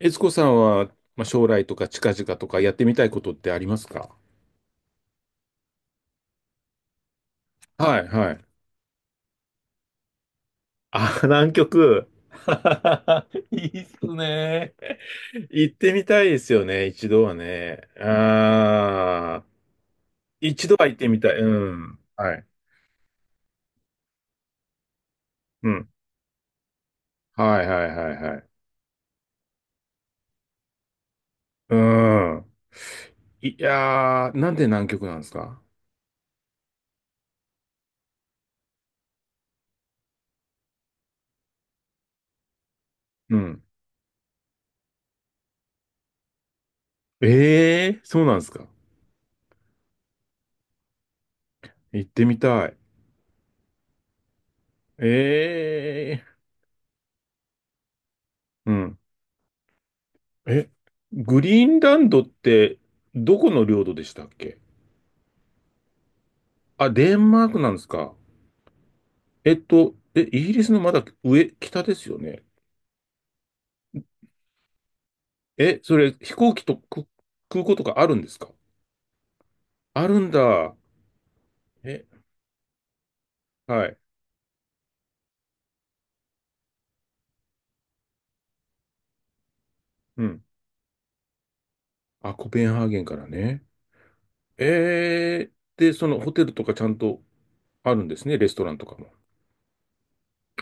悦子さんは、まあ、将来とか近々とかやってみたいことってありますか？はい、はい。あ、南極。いいっすね。行ってみたいですよね、一度はね。ああ、一度は行ってみたい。うん。はい。うん。はい、はい、はい、はい。うん。いやー、なんで南極なんですか？うん。ええー、そうなんですか？行ってみたい。ええー。うん。え、グリーンランドってどこの領土でしたっけ？あ、デンマークなんですか。イギリスのまだ上、北ですよね。それ飛行機とく空港とかあるんですか？あるんだ。え、はい。うん。あ、コペンハーゲンからね。で、そのホテルとかちゃんとあるんですね。レストランとかも。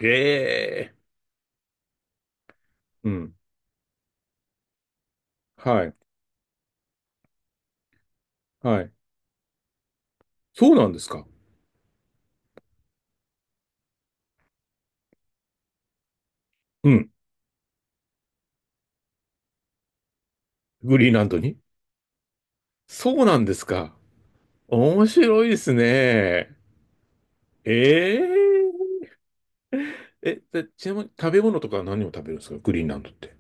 ええ。うん。はい。はい。そうなんですか。うん。グリーンランドに。そうなんですか。面白いですね。えええ、でちなみに食べ物とかは何を食べるんですかグリーンランドって。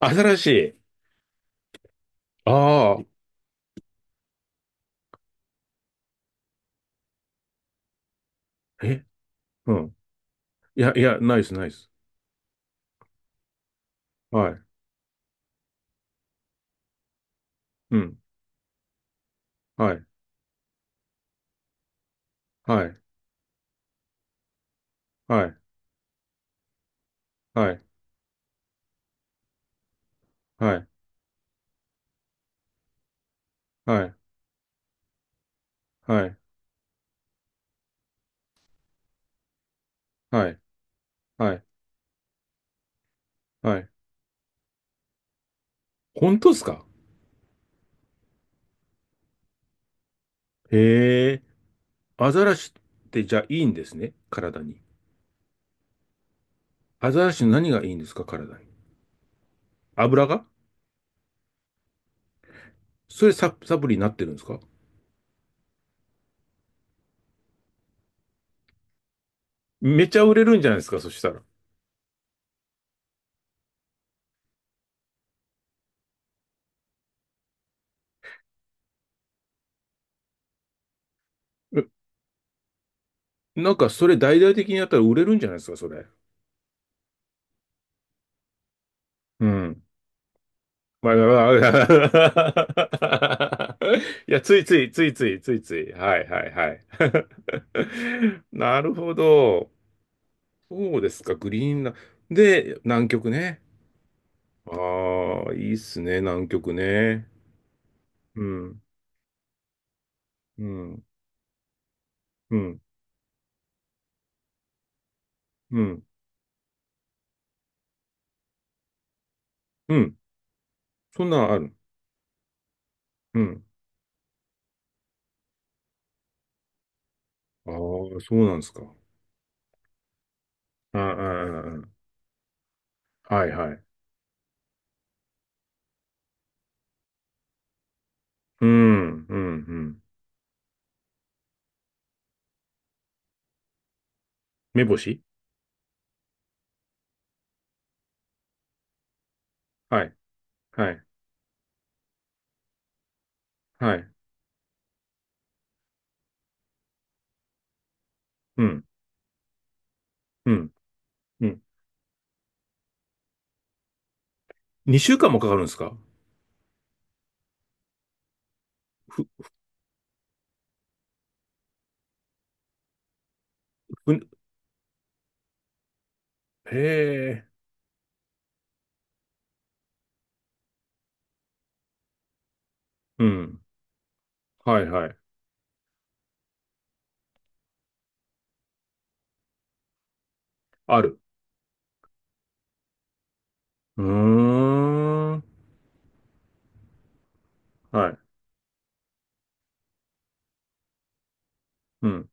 新しい。ああ、え、うん。いや、いや、ナイス、ナイス。はい。うん。はい。はい。はい。はい。はい。はい。はい。はい。はい。はい。本当ですか？へえ。アザラシってじゃあいいんですね体に。アザラシの何がいいんですか体に？油が、それサプリになってるんですか？めっちゃ売れるんじゃないですかそしたら？なんかそれ大々的にやったら売れるんじゃないですか、それ。うん。まあ、まあまあ。 いや、ついつい、ついつい、ついつい。はいはいはい。なるほど。そうですか、グリーンランで、南極ね。ああ、いいっすね、南極ね。うん、うん、うん、うん、うん。そんなんある。うん。ああ、そうなんですか。ああ、ああああ、はいはい。うん、うん、うん。目星。はい。はいはい。うん。うん。うん。2週間もかかるんですか？ふ、ふ、へえ。うん。はい、はい。ある。うーん。はい。うん。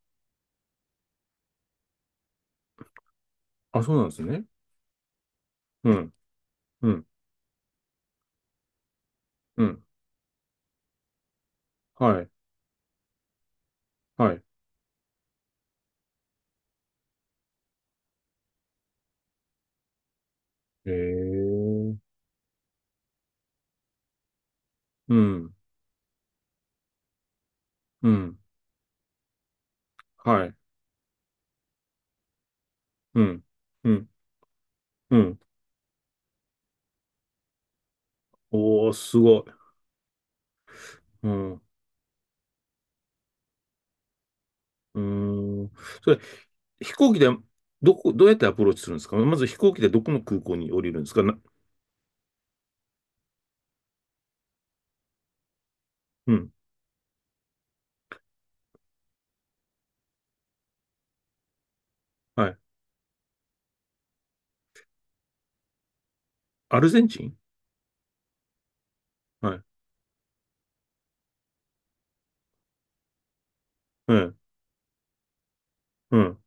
あ、そうなんですね。うん。うん。うん。はい。はい。へえ。うん。うん。はい。うん。うん。うん。おー、すごい。うん。うーん。それ、飛行機で、どうやってアプローチするんですか、まず飛行機でどこの空港に降りるんですか、な、うん。はい。アルゼンチン。はい。うん。うん。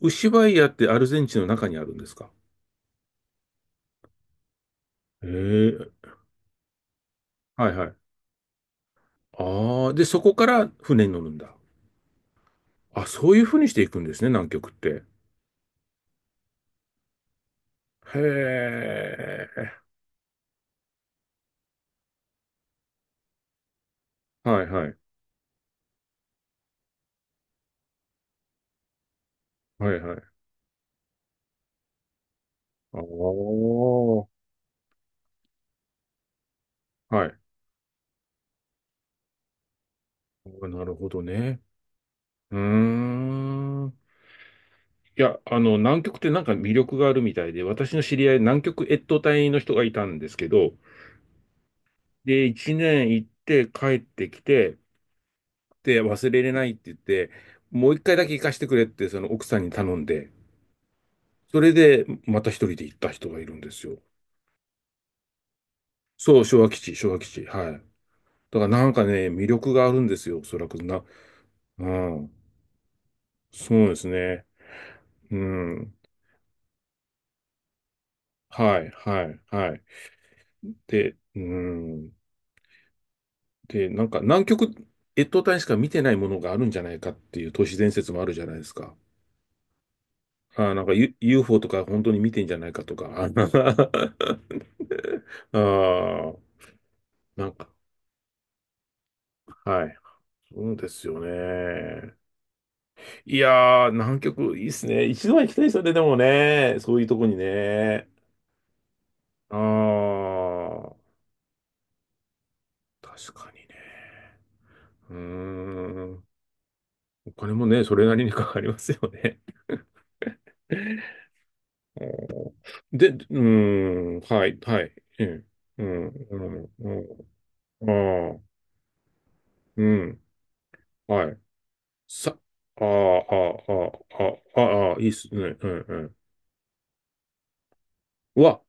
ウシバイアってアルゼンチンの中にあるんですか？ええ、はいはい。ああ、で、そこから船に乗るんだ。あ、そういうふうにしていくんですね、南極って。へえ。はいはい。はいはい。ああ、はい。あ、なるほどね。うーん。いや、南極ってなんか魅力があるみたいで、私の知り合い、南極越冬隊の人がいたんですけど、で、1年行って帰ってきて、て忘れれないって言って、もう一回だけ行かしてくれって、その奥さんに頼んで、それでまた一人で行った人がいるんですよ。そう、昭和基地、昭和基地。はい。だからなんかね、魅力があるんですよ、おそらくな。うん。そうですね。うん。はい、はい、はい。で、うん。で、なんか南極越冬隊しか見てないものがあるんじゃないかっていう都市伝説もあるじゃないですか。あーなんか、UFO とか本当に見てんじゃないかとか。あー あー、なんか、はい。そうですよね。いやー、南極いいっすね。一度は行きたいですよね、でもね。そういうとこにね。あー、確かにね。うーん。お金もね、それなりにかかりますよね。おー、で、うーん、はい、はい。うん、うん、うん、うん、あー、うん、はい。さ、あー、あー、あー、あー、あー、あ、いいっすね。うん、うん。うわ、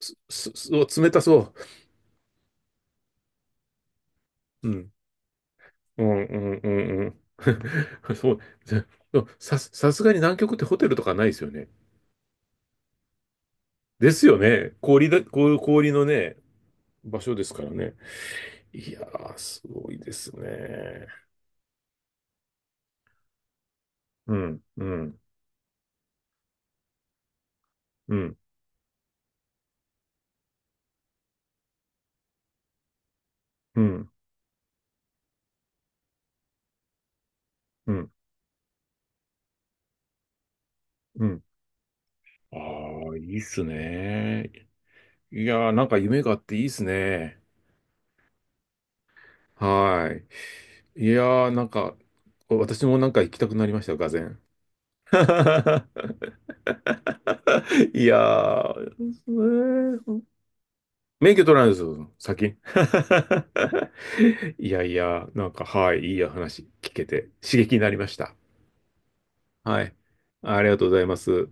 す、す、す、うわ冷たそう。うん。うんうんうんうん。そう、ぜさすがに南極ってホテルとかないですよね。ですよね。氷だ、こ氷のね、場所ですからね。いやー、すごいですね。うん、うん、うん、うん、うん、うん。ああ、いいっすね。いやー、なんか夢があっていいっすね。はい。いやー、なんか、私もなんか行きたくなりました、がぜん。いやー、ー免許取らないですよ、先。いやいや、なんか、はい、いい話聞けて、刺激になりました。はい。ありがとうございます。